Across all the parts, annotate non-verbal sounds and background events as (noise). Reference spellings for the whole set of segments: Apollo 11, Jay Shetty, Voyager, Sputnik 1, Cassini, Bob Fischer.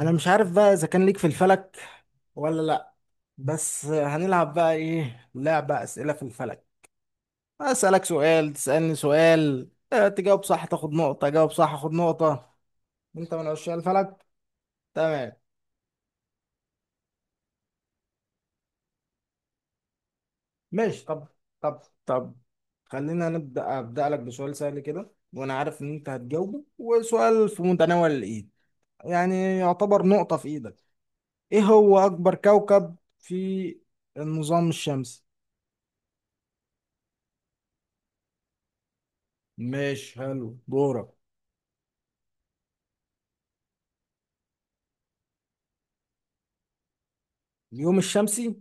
انا مش عارف بقى اذا كان ليك في الفلك ولا لا. بس هنلعب بقى ايه لعبة اسئلة في الفلك. اسألك سؤال، تسألني سؤال، تجاوب صح تاخد نقطة، جاوب صح اخد نقطة. انت من عشاق الفلك. تمام، ماشي، طب. خلينا أبدأ لك بسؤال سهل كده، وانا عارف ان انت هتجاوبه، وسؤال في متناول الايد، يعني يعتبر نقطة في ايدك. ايه هو اكبر كوكب في النظام الشمسي؟ ماشي، حلو، دورك. اليوم الشمسي؟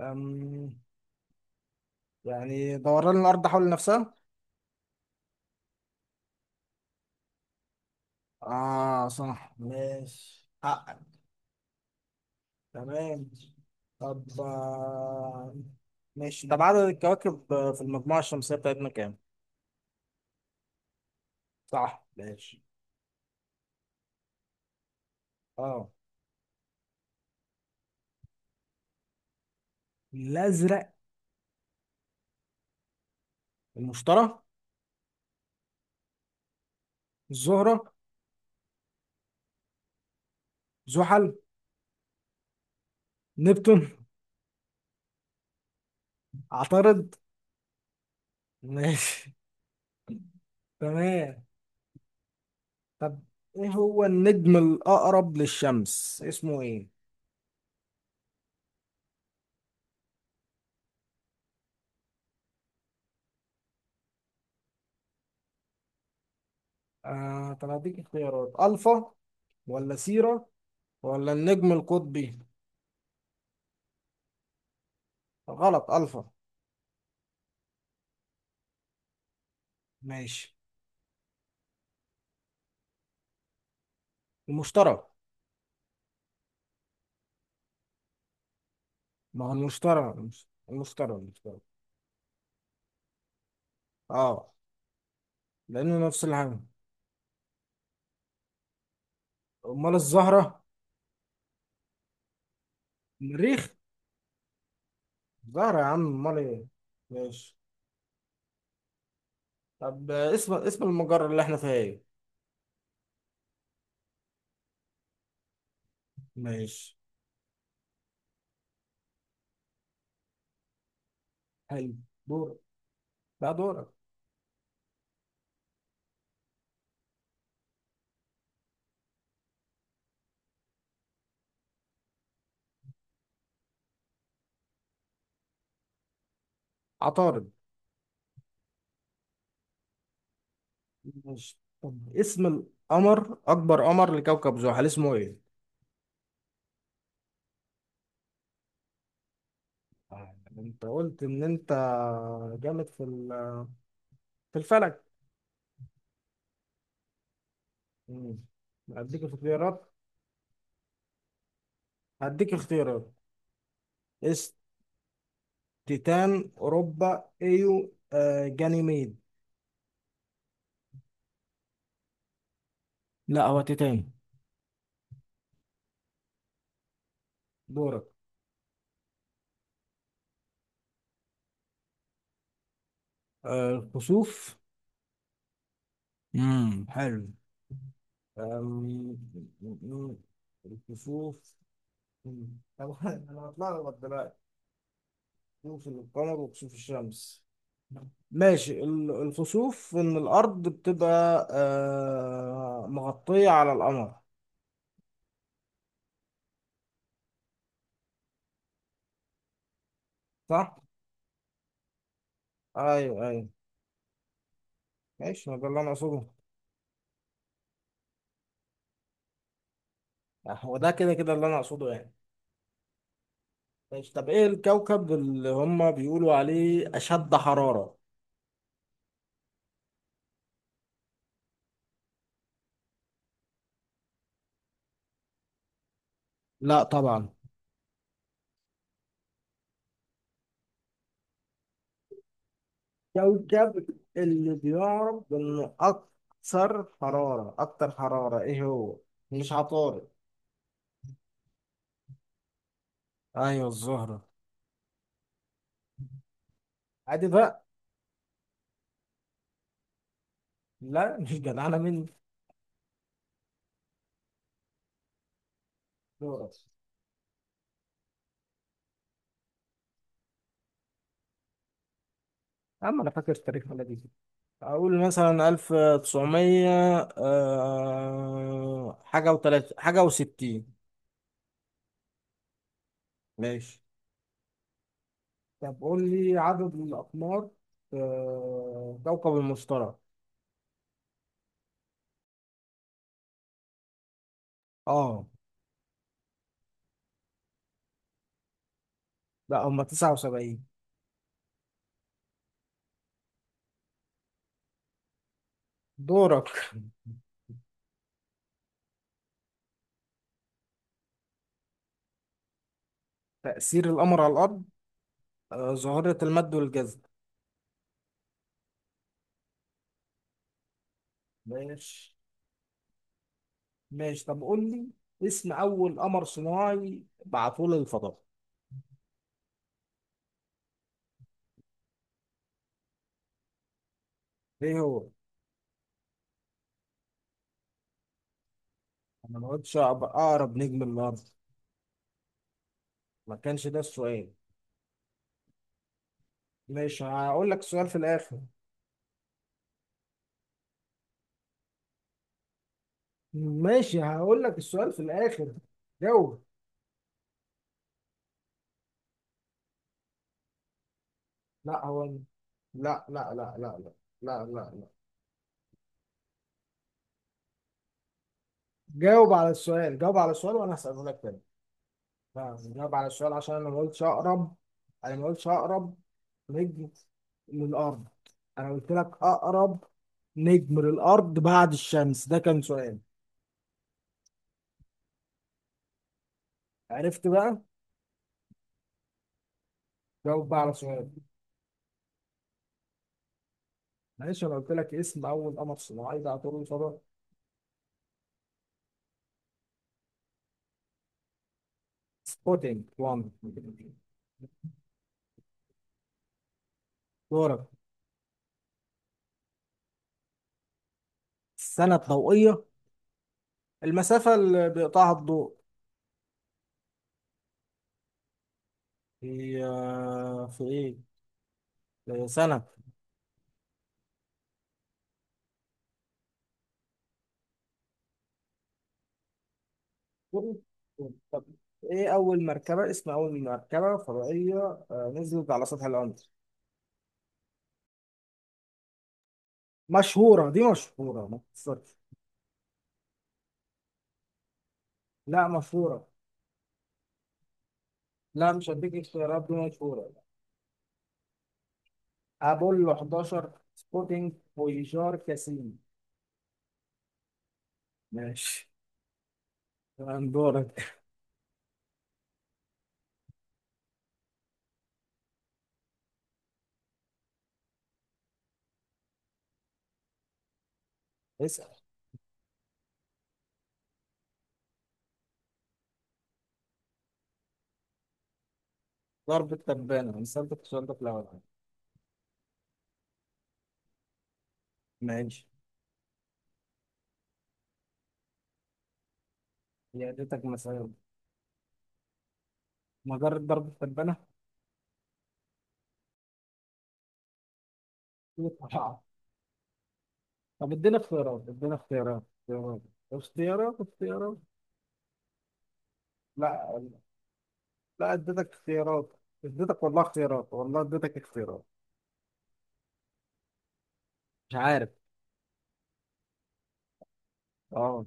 أم... يعني دوران الأرض حول نفسها. آه صح، ماشي حقك. تمام، طب، ماشي طب، عدد الكواكب في المجموعة الشمسية بتاعتنا كام؟ صح، ماشي. اه، الأزرق؟ المشتري. الزهرة. زحل. نبتون. عطارد. ماشي. تمام، طب، ايه هو النجم الأقرب للشمس؟ اسمه ايه؟ آه، طب هديك اختيارات: الفا، ولا سيرة، ولا النجم القطبي. غلط، الفا. ماشي. المشتري. ما هو المشتري المش- المشتري المشتري اه، لانه نفس الحاجة. امال الزهرة. المريخ. زهرة يا عم، امال ايه. ماشي طب، اسم المجرة اللي احنا فيها ايه. ماشي، حلو، دورك. لا، دورك. عطارد. ماشي طب، اسم القمر اكبر قمر لكوكب زحل اسمه ايه؟ انت قلت ان انت جامد في الفلك. مم. هديك اختيارات. هديك اختيارات. اس تيتان، اوروبا، ايو، جانيميد. لا، هو تيتان. دورك. آه، كسوف. حلو. آم، م- الكسوف. مم. طب، (laughs) انا هتلخبط دلوقتي. كسوف القمر وكسوف الشمس. ماشي، الكسوف ان الارض بتبقى مغطية على القمر، صح؟ ايوه، ايوه. ماشي، ما ده اللي انا اقصده. هو ده، كده كده اللي انا اقصده يعني. ماشي طب، ايه الكوكب اللي هم بيقولوا عليه اشد حرارة؟ لا طبعا. كوكب اللي بيعرف انه اكثر حرارة ايه هو؟ مش عطارد. ايوه الزهرة. عادي بقى. لا، مش جدعانة مني. دورك. يا عم، انا فاكر التاريخ ولا دي؟ اقول مثلا 1900، حاجة وتلات، حاجة وستين. ماشي طب، قول لي عدد الأقمار في كوكب المشتري. اه. لا، هما 79. دورك. تأثير القمر على الأرض، ظاهرة المد والجذب. ماشي. ماشي طب، قول لي اسم أول قمر صناعي بعثوه للفضاء. إيه هو؟ أنا ما قلتش أقرب نجم للأرض. ما كانش ده السؤال. ماشي، هقول لك السؤال في الآخر. ماشي، هقول لك السؤال في الآخر. جاوب. لا هو. لا لا لا لا لا، لا لا لا. جاوب على السؤال، جاوب على السؤال، وانا هسأله لك تاني. لا، جاوب على السؤال عشان انا ما قلتش اقرب. انا ما قلتش اقرب نجم للارض. انا قلت لك اقرب نجم للارض بعد الشمس، ده كان سؤال. عرفت بقى؟ جاوب بقى على سؤال. معلش، انا قلت لك اسم اول قمر صناعي ده طول صدى. سبوتينج 1. دورك. السنة الضوئية. المسافة اللي بيقطعها الضوء هي في ايه؟ سنة. قرب. طب، ايه اول مركبه اسم اول مركبه فضائيه نزلت على سطح القمر؟ مشهوره دي، مشهوره، ما تخسرش. لا، مشهوره. لا، مش هديك اختيارات، دي مشهوره. ابولو 11، سبوتينج، فويجار، كاسين. ماشي، تمام، دورك. (laughs) اسال. ضرب التبانه، مثال السؤال ده في الاول. ماشي. هي اديتك مثال. مجرة ضرب التبانه. (laughs) طب، ادينا اختيارات، ادينا اختيارات، اختيارات، اختيارات، اختيارات. لا. لا اديتك اختيارات. اديتك والله اختيارات، والله اديتك اختيارات. مش عارف. اه.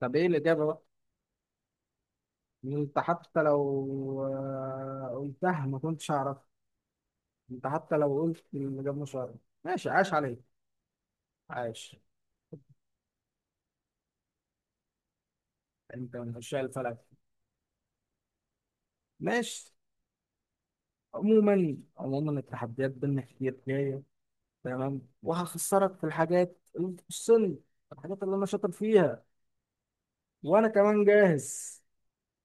طب ايه الاجابه بقى؟ انت حتى لو قلتها ما كنتش اعرف. انت حتى لو قلت الاجابه مش عارف. ماشي، عاش عليك. عاش. انت من عشاق الفلك. ماشي. عموما، التحديات بينا كتير جايه. تمام، وهخسرك في الحاجات اللي بتخصني، الحاجات اللي انا شاطر فيها. وانا كمان جاهز.